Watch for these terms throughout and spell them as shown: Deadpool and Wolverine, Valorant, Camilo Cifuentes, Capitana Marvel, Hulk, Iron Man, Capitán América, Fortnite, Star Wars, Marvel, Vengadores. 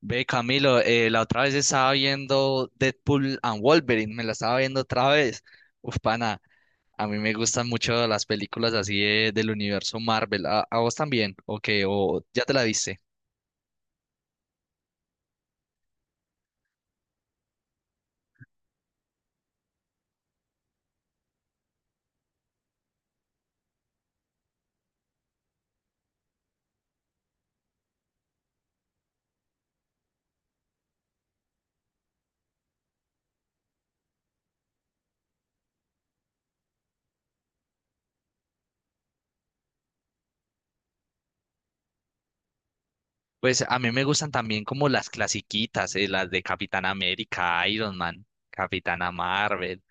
Ve, Camilo, la otra vez estaba viendo Deadpool and Wolverine, me la estaba viendo otra vez. Uf, pana, a mí me gustan mucho las películas así del universo Marvel. ¿A vos también? ¿O qué? ¿O ya te la viste? Pues a mí me gustan también como las clasiquitas, las de Capitán América, Iron Man, Capitana Marvel.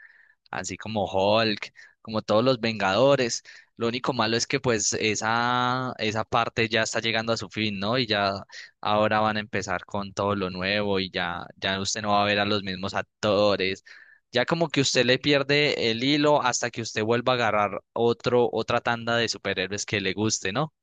Así como Hulk, como todos los Vengadores. Lo único malo es que pues esa parte ya está llegando a su fin, ¿no? Y ya ahora van a empezar con todo lo nuevo y ya usted no va a ver a los mismos actores. Ya como que usted le pierde el hilo hasta que usted vuelva a agarrar otra tanda de superhéroes que le guste, ¿no?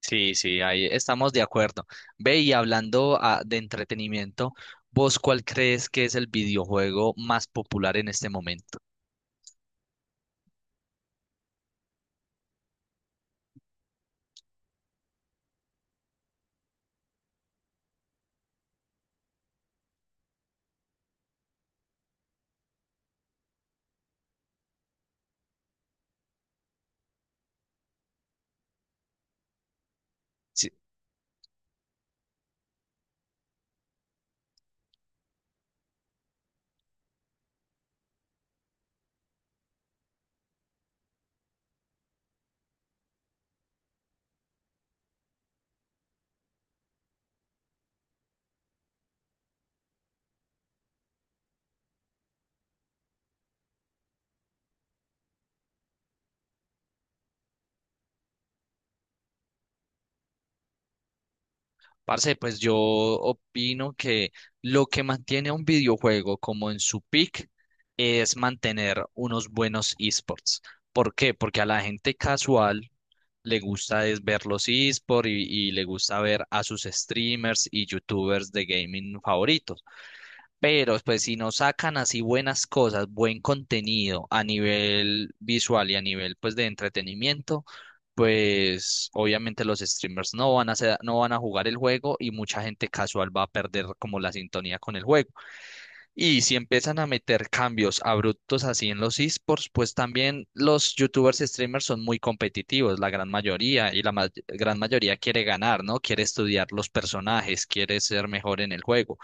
Sí, sí, ahí estamos de acuerdo. Ve y hablando de entretenimiento, ¿vos cuál crees que es el videojuego más popular en este momento? Sí. Parce, pues yo opino que lo que mantiene a un videojuego como en su peak es mantener unos buenos esports. ¿Por qué? Porque a la gente casual le gusta es ver los esports y le gusta ver a sus streamers y youtubers de gaming favoritos. Pero pues si no sacan así buenas cosas, buen contenido a nivel visual y a nivel pues de entretenimiento, pues obviamente los streamers no van a jugar el juego y mucha gente casual va a perder como la sintonía con el juego. Y si empiezan a meter cambios abruptos así en los esports, pues también los youtubers y streamers son muy competitivos, la gran mayoría, y la gran mayoría quiere ganar, ¿no? Quiere estudiar los personajes, quiere ser mejor en el juego.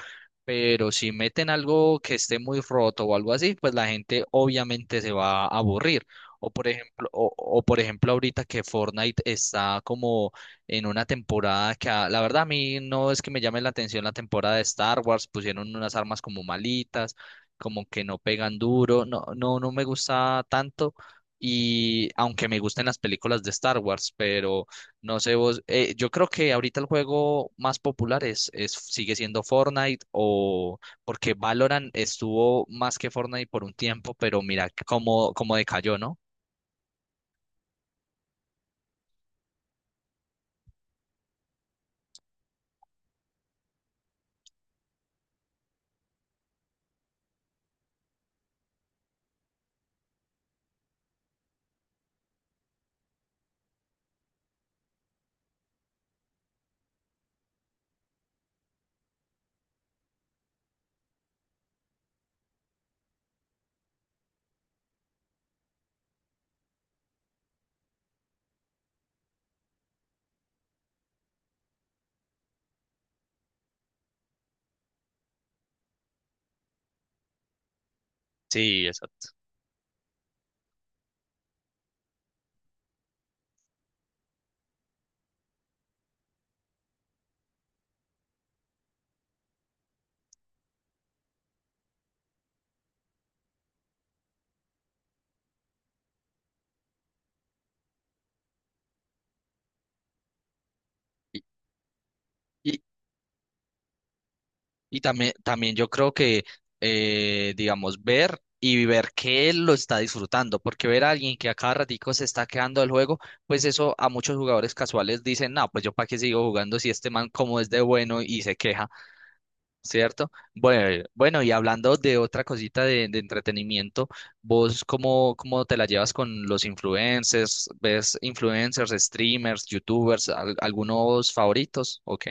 Pero si meten algo que esté muy roto o algo así, pues la gente obviamente se va a aburrir. O por ejemplo, o por ejemplo ahorita que Fortnite está como en una temporada la verdad a mí no es que me llame la atención la temporada de Star Wars, pusieron unas armas como malitas, como que no pegan duro, no me gusta tanto. Y aunque me gusten las películas de Star Wars, pero no sé vos, yo creo que ahorita el juego más popular es sigue siendo Fortnite o porque Valorant estuvo más que Fortnite por un tiempo, pero mira cómo decayó, ¿no? Sí, exacto. Y, y, Y también, también yo creo que, digamos, ver que él lo está disfrutando, porque ver a alguien que a cada ratico se está quedando del juego, pues eso a muchos jugadores casuales dicen, no, pues yo para qué sigo jugando si este man como es de bueno y se queja, ¿cierto? Bueno, bueno, y hablando de otra cosita de entretenimiento, ¿vos cómo te la llevas con los influencers? ¿Ves influencers, streamers, youtubers, algunos favoritos? Ok.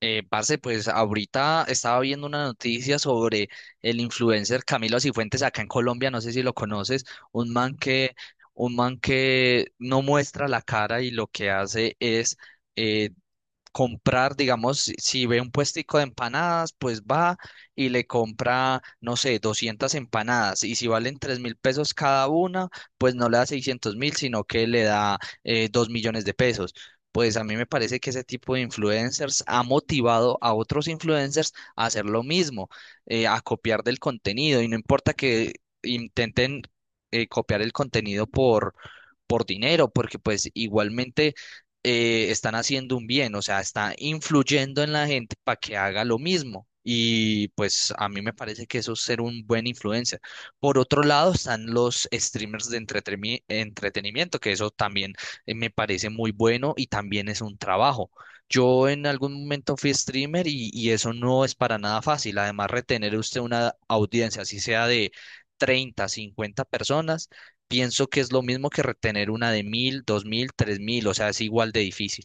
Parce, pues ahorita estaba viendo una noticia sobre el influencer Camilo Cifuentes acá en Colombia, no sé si lo conoces, un man que, un man que no muestra la cara y lo que hace es eh, comprar, digamos, si ve un puestico de empanadas, pues va y le compra, no sé, 200 empanadas. Y si valen 3.000 pesos cada una, pues no le da 600.000, sino que le da 2 millones de pesos. Pues a mí me parece que ese tipo de influencers ha motivado a otros influencers a hacer lo mismo, a copiar del contenido. Y no importa que intenten copiar el contenido por dinero, porque pues igualmente están haciendo un bien, o sea, está influyendo en la gente para que haga lo mismo. Y pues a mí me parece que eso es ser un buen influencer. Por otro lado, están los streamers de entretenimiento, que eso también me parece muy bueno y también es un trabajo. Yo en algún momento fui streamer y eso no es para nada fácil. Además, retener usted una audiencia, así sea de 30 50 personas, pienso que es lo mismo que retener una de 1.000, 2.000, 3.000, o sea, es igual de difícil.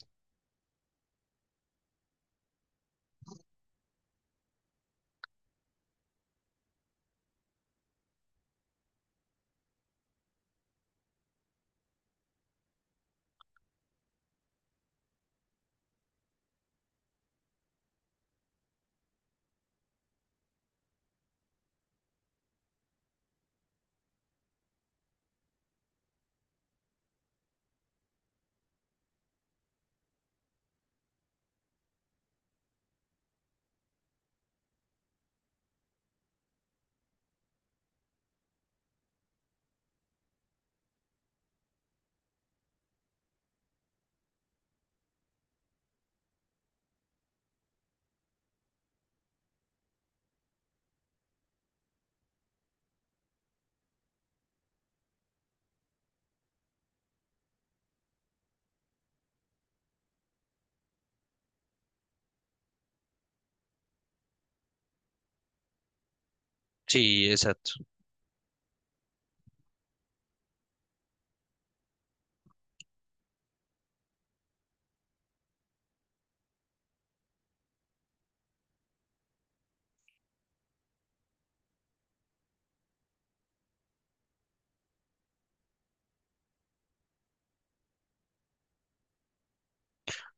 Sí, exacto.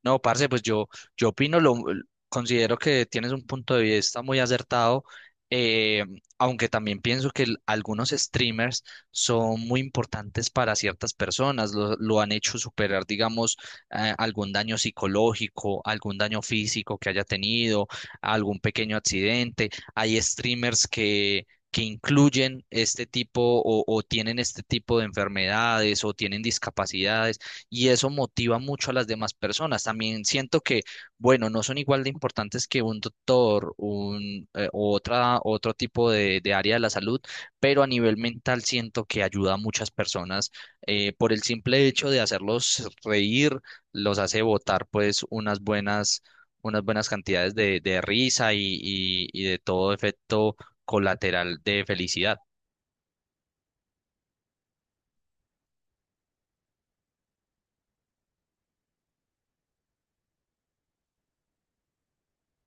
No, parce, yo opino, considero que tienes un punto de vista muy acertado, eh, aunque también pienso que algunos streamers son muy importantes para ciertas personas, lo han hecho superar, digamos, algún daño psicológico, algún daño físico que haya tenido, algún pequeño accidente. Hay streamers que incluyen este tipo o tienen este tipo de enfermedades o tienen discapacidades y eso motiva mucho a las demás personas. También siento que, bueno, no son igual de importantes que un doctor, un, u otro tipo de área de la salud, pero a nivel mental siento que ayuda a muchas personas por el simple hecho de hacerlos reír, los hace botar pues unas buenas cantidades de risa y de todo efecto colateral de felicidad.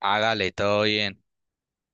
Hágale, todo bien.